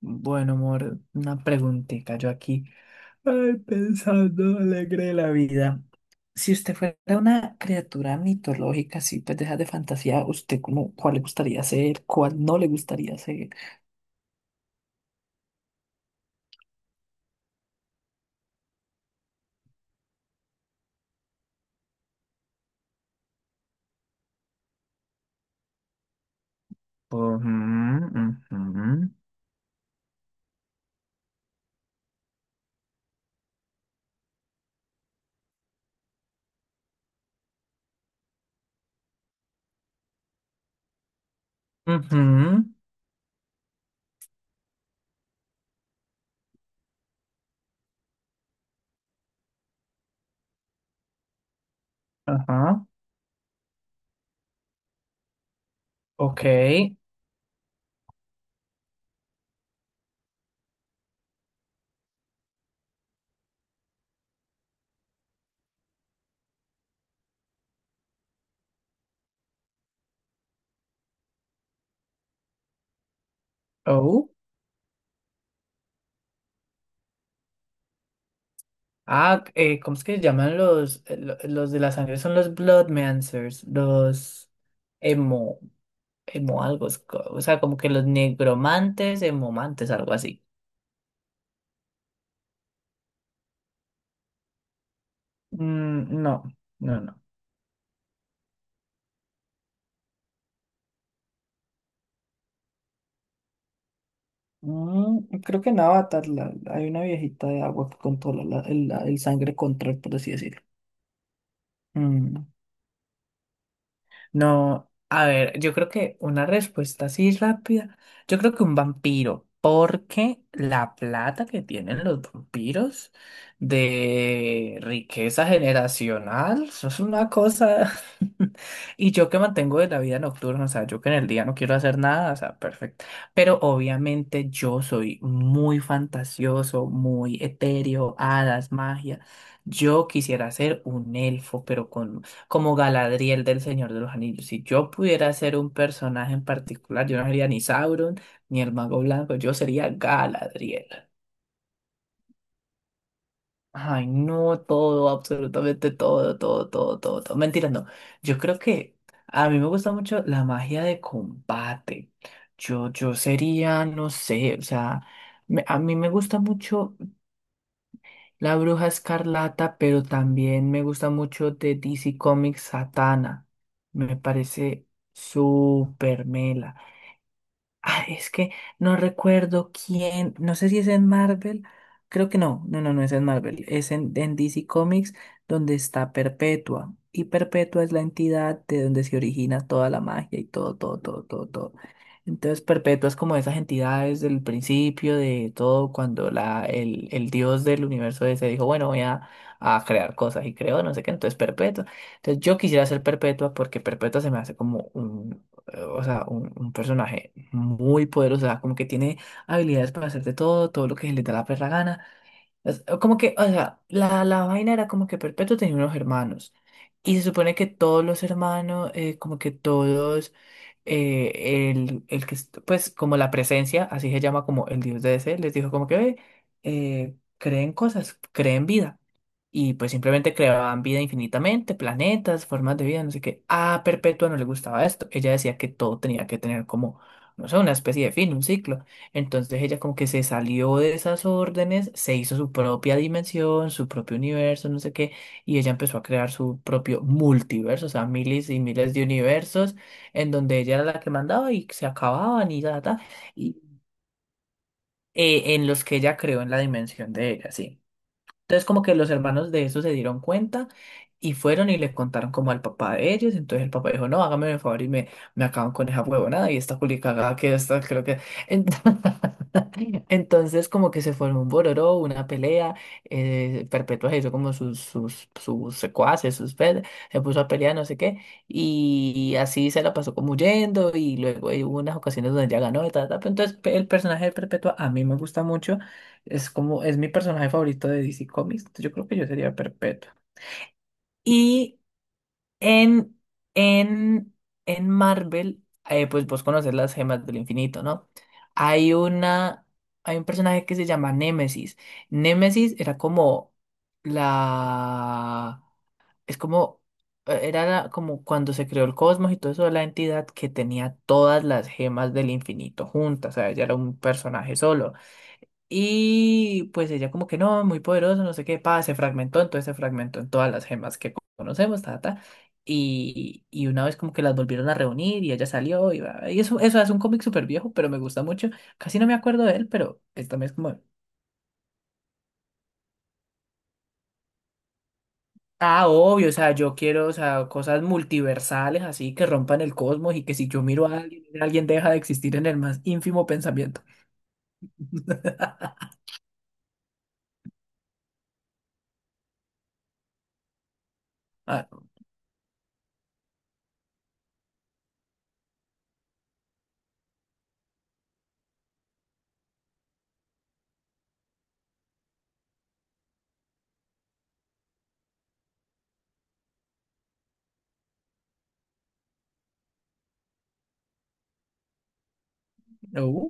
Bueno, amor, una preguntita. Yo aquí, ay, pensando alegre de la vida. Si usted fuera una criatura mitológica, así, pues deja de fantasía, ¿usted como cuál le gustaría ser? ¿Cuál no le gustaría ser? Ujú, ujú, ujú. Ajá. Ok. Oh. Ah, ¿cómo es que se llaman los, los de la sangre? Son los Bloodmancers, los emo. Emo algo, o sea, como que los negromantes, emomantes, algo así. No, no. Mm, creo que en Avatar hay una viejita de agua que controla el, el sangre control, por así decirlo. Mm. No, a ver, yo creo que una respuesta así rápida, yo creo que un vampiro, porque la plata que tienen los vampiros de riqueza generacional, eso es una cosa. Y yo que mantengo de la vida nocturna, o sea, yo que en el día no quiero hacer nada, o sea, perfecto. Pero obviamente yo soy muy fantasioso, muy etéreo, hadas, magia. Yo quisiera ser un elfo, pero con como Galadriel del Señor de los Anillos. Si yo pudiera ser un personaje en particular, yo no sería ni Sauron ni el Mago Blanco, yo sería Galadriel. Ay, no, todo, absolutamente todo, todo, todo, todo, todo. Mentira, no. Yo creo que a mí me gusta mucho la magia de combate. Yo sería, no sé, o sea, a mí me gusta mucho. La Bruja Escarlata, pero también me gusta mucho de DC Comics Satana. Me parece súper mela. Ah, es que no recuerdo quién, no sé si es en Marvel, creo que no, no es en Marvel, en DC Comics donde está Perpetua. Y Perpetua es la entidad de donde se origina toda la magia y todo, todo, todo, todo, todo. Entonces Perpetua es como esas entidades del principio de todo, cuando el dios del universo ese dijo, bueno, a crear cosas y creó, no sé qué, entonces Perpetua. Entonces yo quisiera ser Perpetua porque Perpetua se me hace como o sea, un personaje muy poderosa, como que tiene habilidades para hacer de todo, todo lo que se le da la perra gana. Como que, o sea, la vaina era como que Perpetuo tenía unos hermanos. Y se supone que todos los hermanos, como que todos el que, pues, como la presencia, así se llama como el dios de DC, les dijo como que: "Ve, creen cosas, creen vida". Y pues simplemente creaban vida infinitamente, planetas, formas de vida, no sé qué. A Perpetua no le gustaba esto. Ella decía que todo tenía que tener como, no sé, una especie de fin, un ciclo. Entonces ella como que se salió de esas órdenes, se hizo su propia dimensión, su propio universo, no sé qué. Y ella empezó a crear su propio multiverso, o sea, miles y miles de universos en donde ella era la que mandaba y se acababan y ya, ta, y en los que ella creó en la dimensión de ella, sí. Entonces como que los hermanos de eso se dieron cuenta y fueron y le contaron como al papá de ellos. Entonces el papá dijo, no, hágame el favor y me acaban con esa huevonada y esta culicagada que esta creo que... Ent- Entonces como que se formó un bororó, una pelea, Perpetua se hizo como sus secuaces, se puso a pelear no sé qué y así se la pasó como huyendo y luego hubo unas ocasiones donde ella ganó y tal, tal. Pero entonces el personaje de Perpetua a mí me gusta mucho. Es como, es mi personaje favorito de DC Comics. Entonces, yo creo que yo sería Perpetua. Y en, en, en Marvel, pues vos conoces las gemas del infinito, ¿no? Hay una, hay un personaje que se llama Némesis. Némesis era como la, es como, era como cuando se creó el cosmos y todo eso, la entidad que tenía todas las gemas del infinito juntas, o sea, ella era un personaje solo. Y pues ella como que no, muy poderoso, no sé qué, pa, se fragmentó, entonces se fragmentó en todas las gemas que conocemos, ta, ta. Y una vez como que las volvieron a reunir y ella salió y, y eso es un cómic súper viejo, pero me gusta mucho. Casi no me acuerdo de él, pero es también es como, ah, obvio, o sea, yo quiero, o sea, cosas multiversales así que rompan el cosmos y que si yo miro a alguien, alguien deja de existir en el más ínfimo pensamiento. Ah, uh,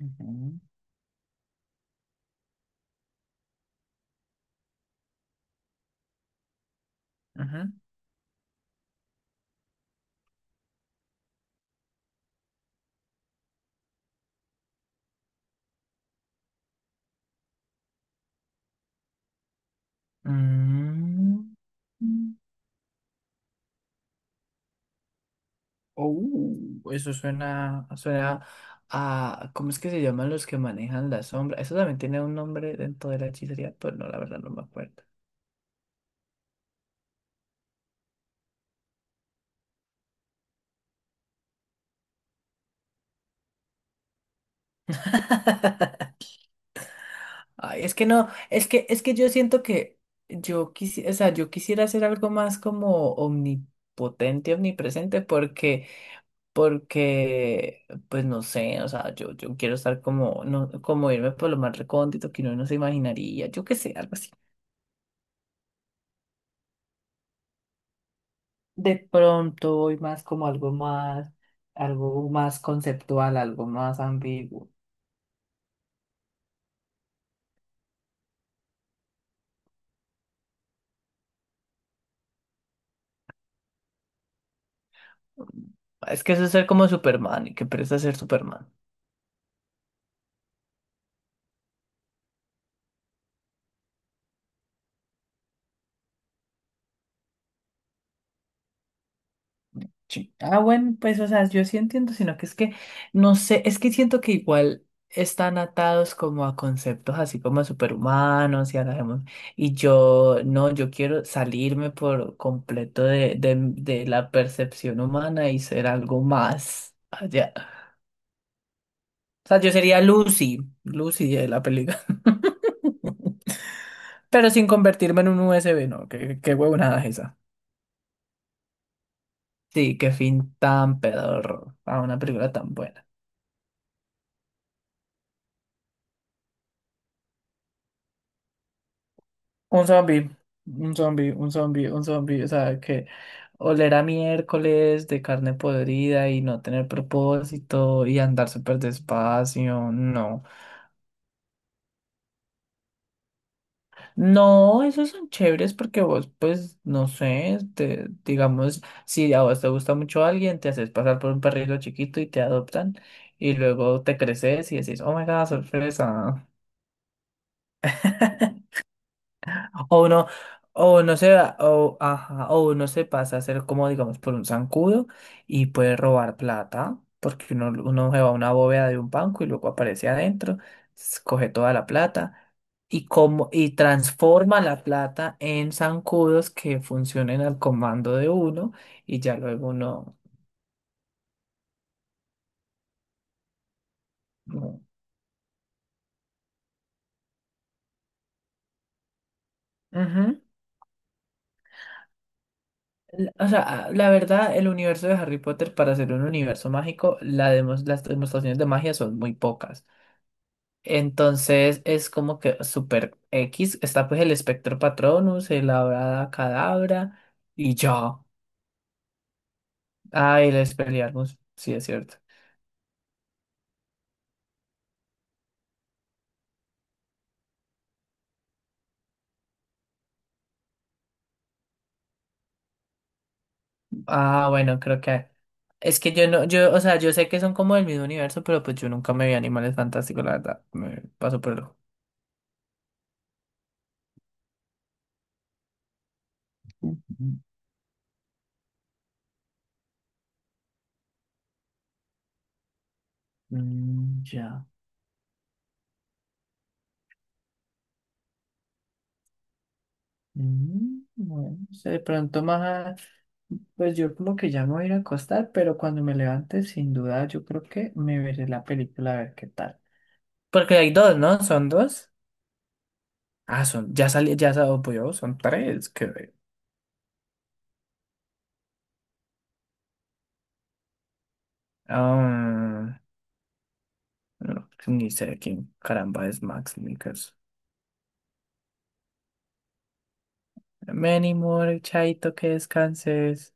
ujú, ujú. Mm. Eso suena, suena a, ¿cómo es que se llaman los que manejan la sombra? Eso también tiene un nombre dentro de la hechicería, pero no, la verdad no me acuerdo. Ay, es que no, es que yo siento que yo quisiera, o sea, yo quisiera hacer algo más como omnipotente, omnipresente, pues no sé, o sea, yo quiero estar como, no, como irme por lo más recóndito que uno no se imaginaría, yo qué sé, algo así. De pronto voy más como algo más conceptual, algo más ambiguo. Es que eso es ser como Superman y que presta ser Superman. Sí. Ah, bueno, pues, o sea, yo sí entiendo, sino que es que, no sé, es que siento que igual están atados como a conceptos así como superhumanos y hagamos, y yo, no, yo quiero salirme por completo de la percepción humana y ser algo más allá. O sea, yo sería Lucy, Lucy de la película, pero sin convertirme en un USB, ¿no? Qué, qué huevonada es esa. Sí, qué fin tan pedorro a una película tan buena. Un zombie, un zombie, o sea, que oler a miércoles de carne podrida y no tener propósito y andar súper despacio, no. No, esos son chéveres porque vos, pues, no sé, te, digamos, si a vos te gusta mucho alguien, te haces pasar por un perrito chiquito y te adoptan y luego te creces y decís, oh my God, sorpresa. O no, o no se, o, ajá, o uno se pasa a ser como, digamos, por un zancudo y puede robar plata, porque uno se va a una bóveda de un banco y luego aparece adentro, coge toda la plata y, como, y transforma la plata en zancudos que funcionen al comando de uno y ya luego uno... uno- Ujú. L- O sea, la verdad, el universo de Harry Potter, para ser un universo mágico, las demostraciones de magia son muy pocas. Entonces es como que super X, está pues el espectro patronus, el Avada Kedavra y ya. Ah, y el Expelliarmus, sí es cierto. Ah, bueno, creo que es que yo no, yo, o sea, yo sé que son como del mismo universo, pero pues yo nunca me vi Animales Fantásticos, la verdad, me paso por el ojo. Ujú. Mm, ya. Mm, bueno, no sé, de pronto más, pues yo como que ya me voy a ir a acostar, pero cuando me levante, sin duda, yo creo que me veré la película a ver qué tal. Porque hay dos, ¿no? ¿Son dos? Ah, son, ya salió, yo, son tres, creo. Ah, no, pues ni sé quién caramba es Max Mikkelsen. Many more, Chaito, que descanses.